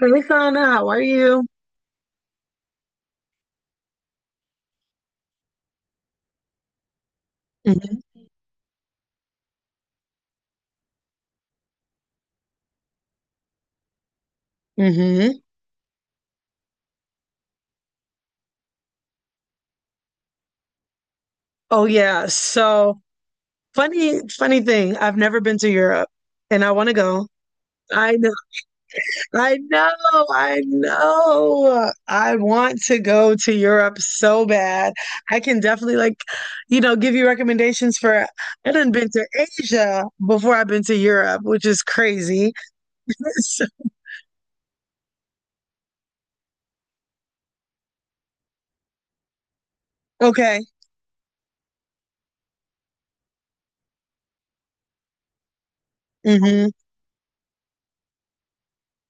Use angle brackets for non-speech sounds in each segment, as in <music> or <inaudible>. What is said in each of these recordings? Hey, Sana, how are you? Mm-hmm. hmm Oh yeah, so funny thing. I've never been to Europe, and I want to go. I know, I know, I know. I want to go to Europe so bad. I can definitely give you recommendations for. I done been to Asia before I've been to Europe, which is crazy. <laughs> So- okay.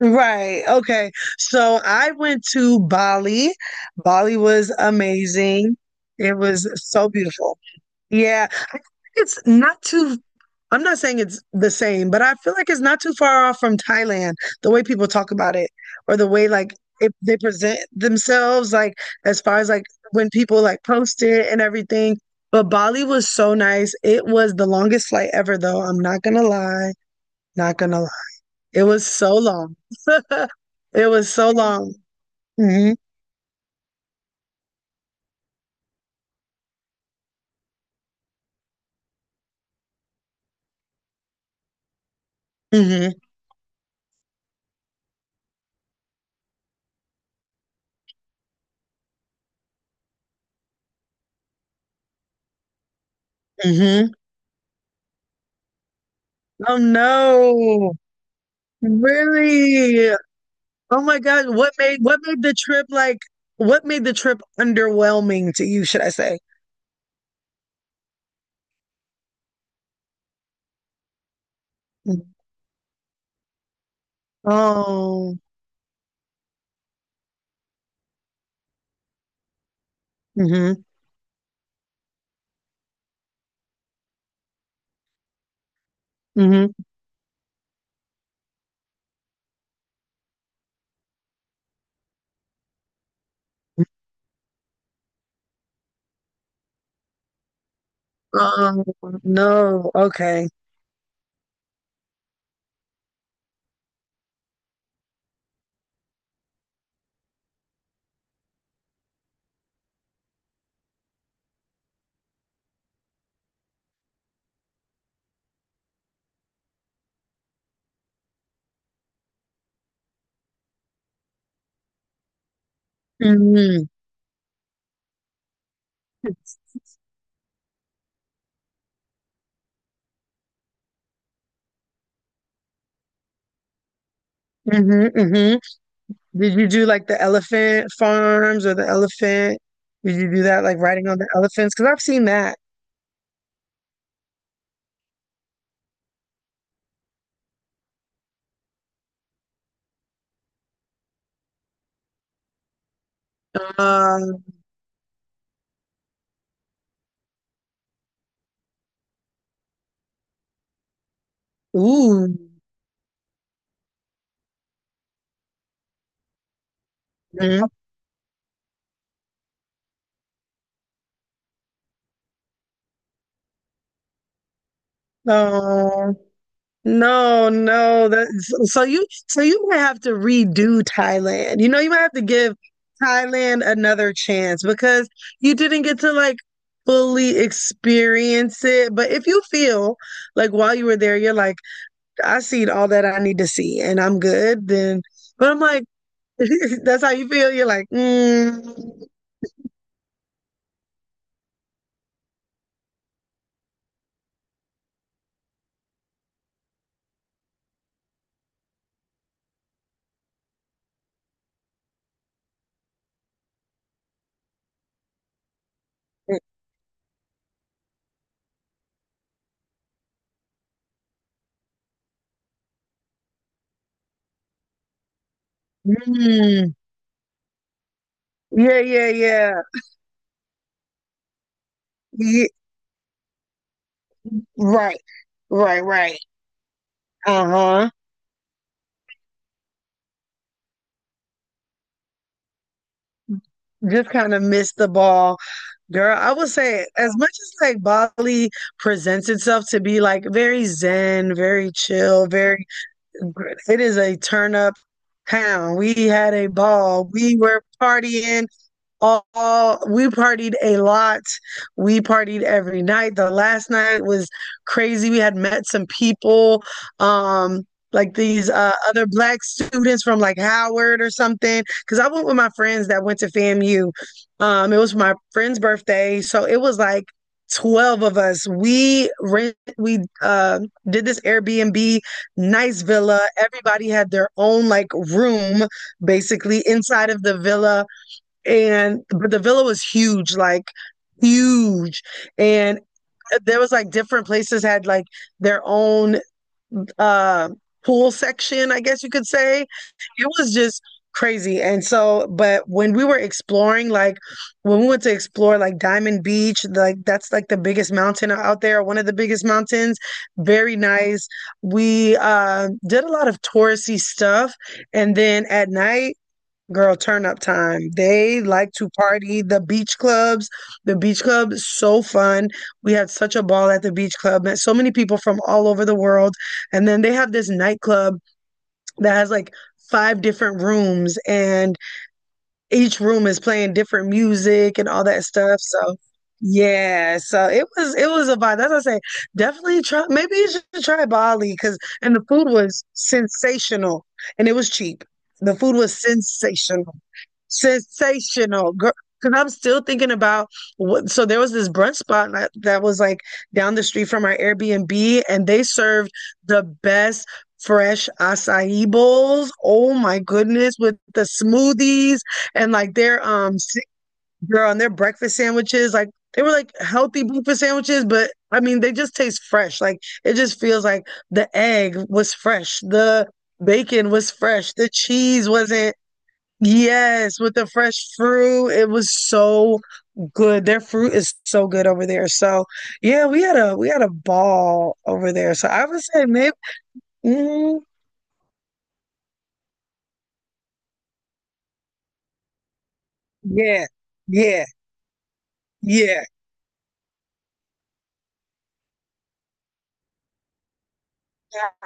Right. Okay. So I went to Bali. Bali was amazing. It was so beautiful. Yeah. I think it's not too, I'm not saying it's the same, but I feel like it's not too far off from Thailand, the way people talk about it or the way they present themselves, like as far as like when people like post it and everything. But Bali was so nice. It was the longest flight ever, though. I'm not gonna lie. Not gonna lie. It was so long. <laughs> It was so long. Hmm hmm hmm Oh no. Really? Oh my God. What made the trip like what made the trip underwhelming to you, should I say? Mm. Oh. hmm hmm Oh no. Okay. hmm hmm hmm Did you do like the elephant farms or the elephant? Did you do that like riding on the elephants? Because I've seen that. Um, ooh. Mhm. Oh. No, no, that so you might have to redo Thailand. You know, you might have to give Thailand another chance because you didn't get to like fully experience it. But if you feel like while you were there, you're like, I seen all that I need to see and I'm good, then but I'm like, <laughs> that's how you feel. You're like, mm, mm, mm, yeah, yeah, yeah. Ye- right, right, right. Uh-huh. Just kind of missed the ball. Girl, I would say as much as like Bali presents itself to be like very zen, very chill, very it is a turn up town. We had a ball. We were partying we partied a lot. We partied every night. The last night was crazy. We had met some people, um, like these other black students from like Howard or something. Because I went with my friends that went to FAMU. It was my friend's birthday, so it was like 12 of us. We did this Airbnb, nice villa. Everybody had their own like room, basically inside of the villa and but the villa was huge, like huge. And there was like different places had like their own uh pool section, I guess you could say. It was just crazy. And so, but when we were exploring, like when we went to explore like Diamond Beach, like that's like the biggest mountain out there, one of the biggest mountains. Very nice. We did a lot of touristy stuff. And then at night, girl, turn up time. They like to party. The beach club is so fun. We had such a ball at the beach club. Met so many people from all over the world. And then they have this nightclub that has like five different rooms and each room is playing different music and all that stuff. So yeah, so it was a vibe. That's what I say. Definitely try. Maybe you should try Bali because and the food was sensational and it was cheap. The food was sensational, sensational, girl. Because I'm still thinking about what. So there was this brunch spot that was like down the street from our Airbnb, and they served the best fresh acai bowls. Oh my goodness, with the smoothies and like their girl and their breakfast sandwiches like they were like healthy breakfast sandwiches but I mean they just taste fresh like it just feels like the egg was fresh the bacon was fresh the cheese wasn't yes with the fresh fruit it was so good their fruit is so good over there so yeah we had a ball over there so I would say maybe mm, yeah yeah yeah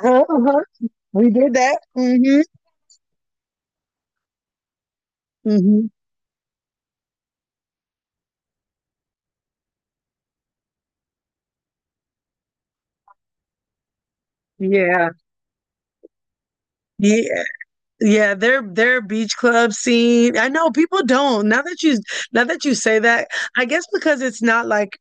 uh-huh, uh-huh. We did that. Hmm hmm Yeah. Yeah. Yeah, their beach club scene. I know people don't. Now that you say that, I guess because it's not like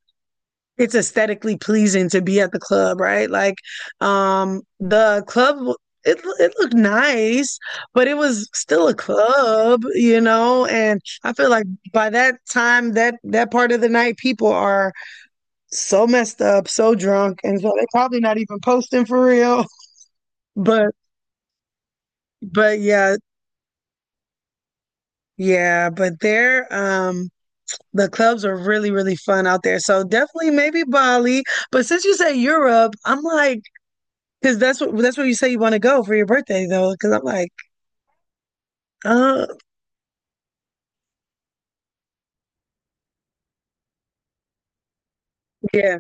it's aesthetically pleasing to be at the club, right? Like the club it looked nice, but it was still a club, you know, and I feel like by that time that that part of the night people are so messed up, so drunk, and so they're probably not even posting for real. <laughs> But but yeah, yeah, but there, the clubs are really, really fun out there. So definitely maybe Bali. But since you say Europe, I'm like, because that's where you say you want to go for your birthday though. Because I'm like, uh, yeah,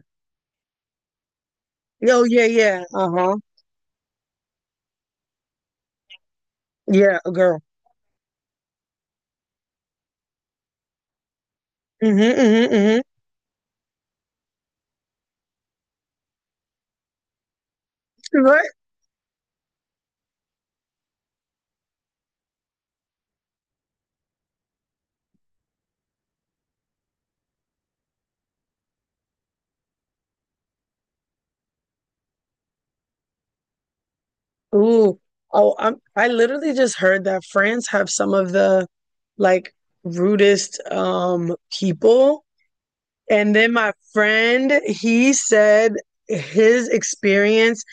oh yeah, yeah, uh-huh, yeah, a girl. Mm-hmm, mm-hmm, mm-hmm. Right? Ooh, oh, I'm. I literally just heard that France have some of the like rudest people. And then my friend, he said his experience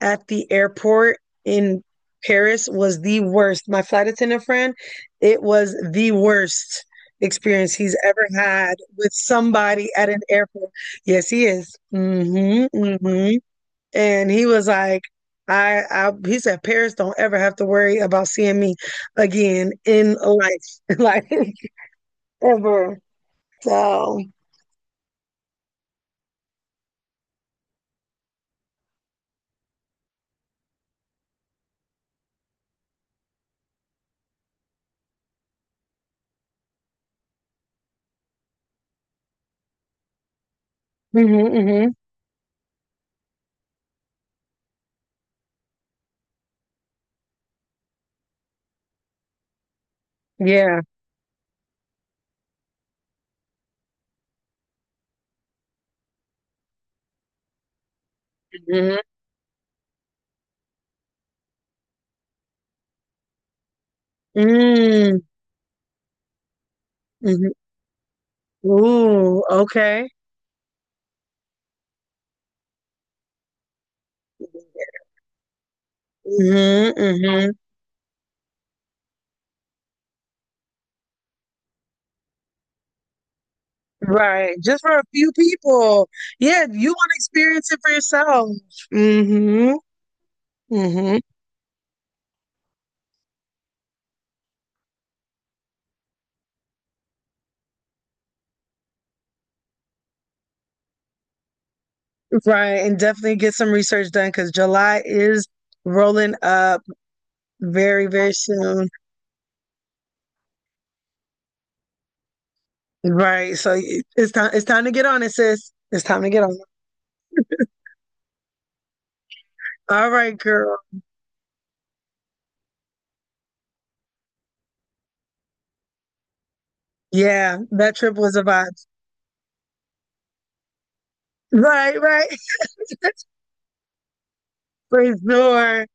at the airport in Paris was the worst. My flight attendant friend, it was the worst experience he's ever had with somebody at an airport. Yes, he is. Mm-hmm, mm-hmm. And he was like, he said, Paris don't ever have to worry about seeing me again in life, <laughs> like ever. So, mm-hmm, mm-hmm. Yeah. Mm-hmm. Mm-hmm. Mm-hmm. Ooh, okay. Mm-hmm, hmm. Right. Just for a few people. Yeah, you want to experience it for yourself. Mm-hmm. Mm-hmm. Right. And definitely get some research done because July is rolling up very, very soon. Right. So y- it's time to get on it, sis. It's time to get on it. All right, girl. Yeah, that trip was a vibe. Right, right. <laughs> For sure.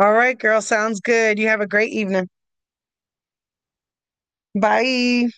All right, girl. Sounds good. You have a great evening. Bye.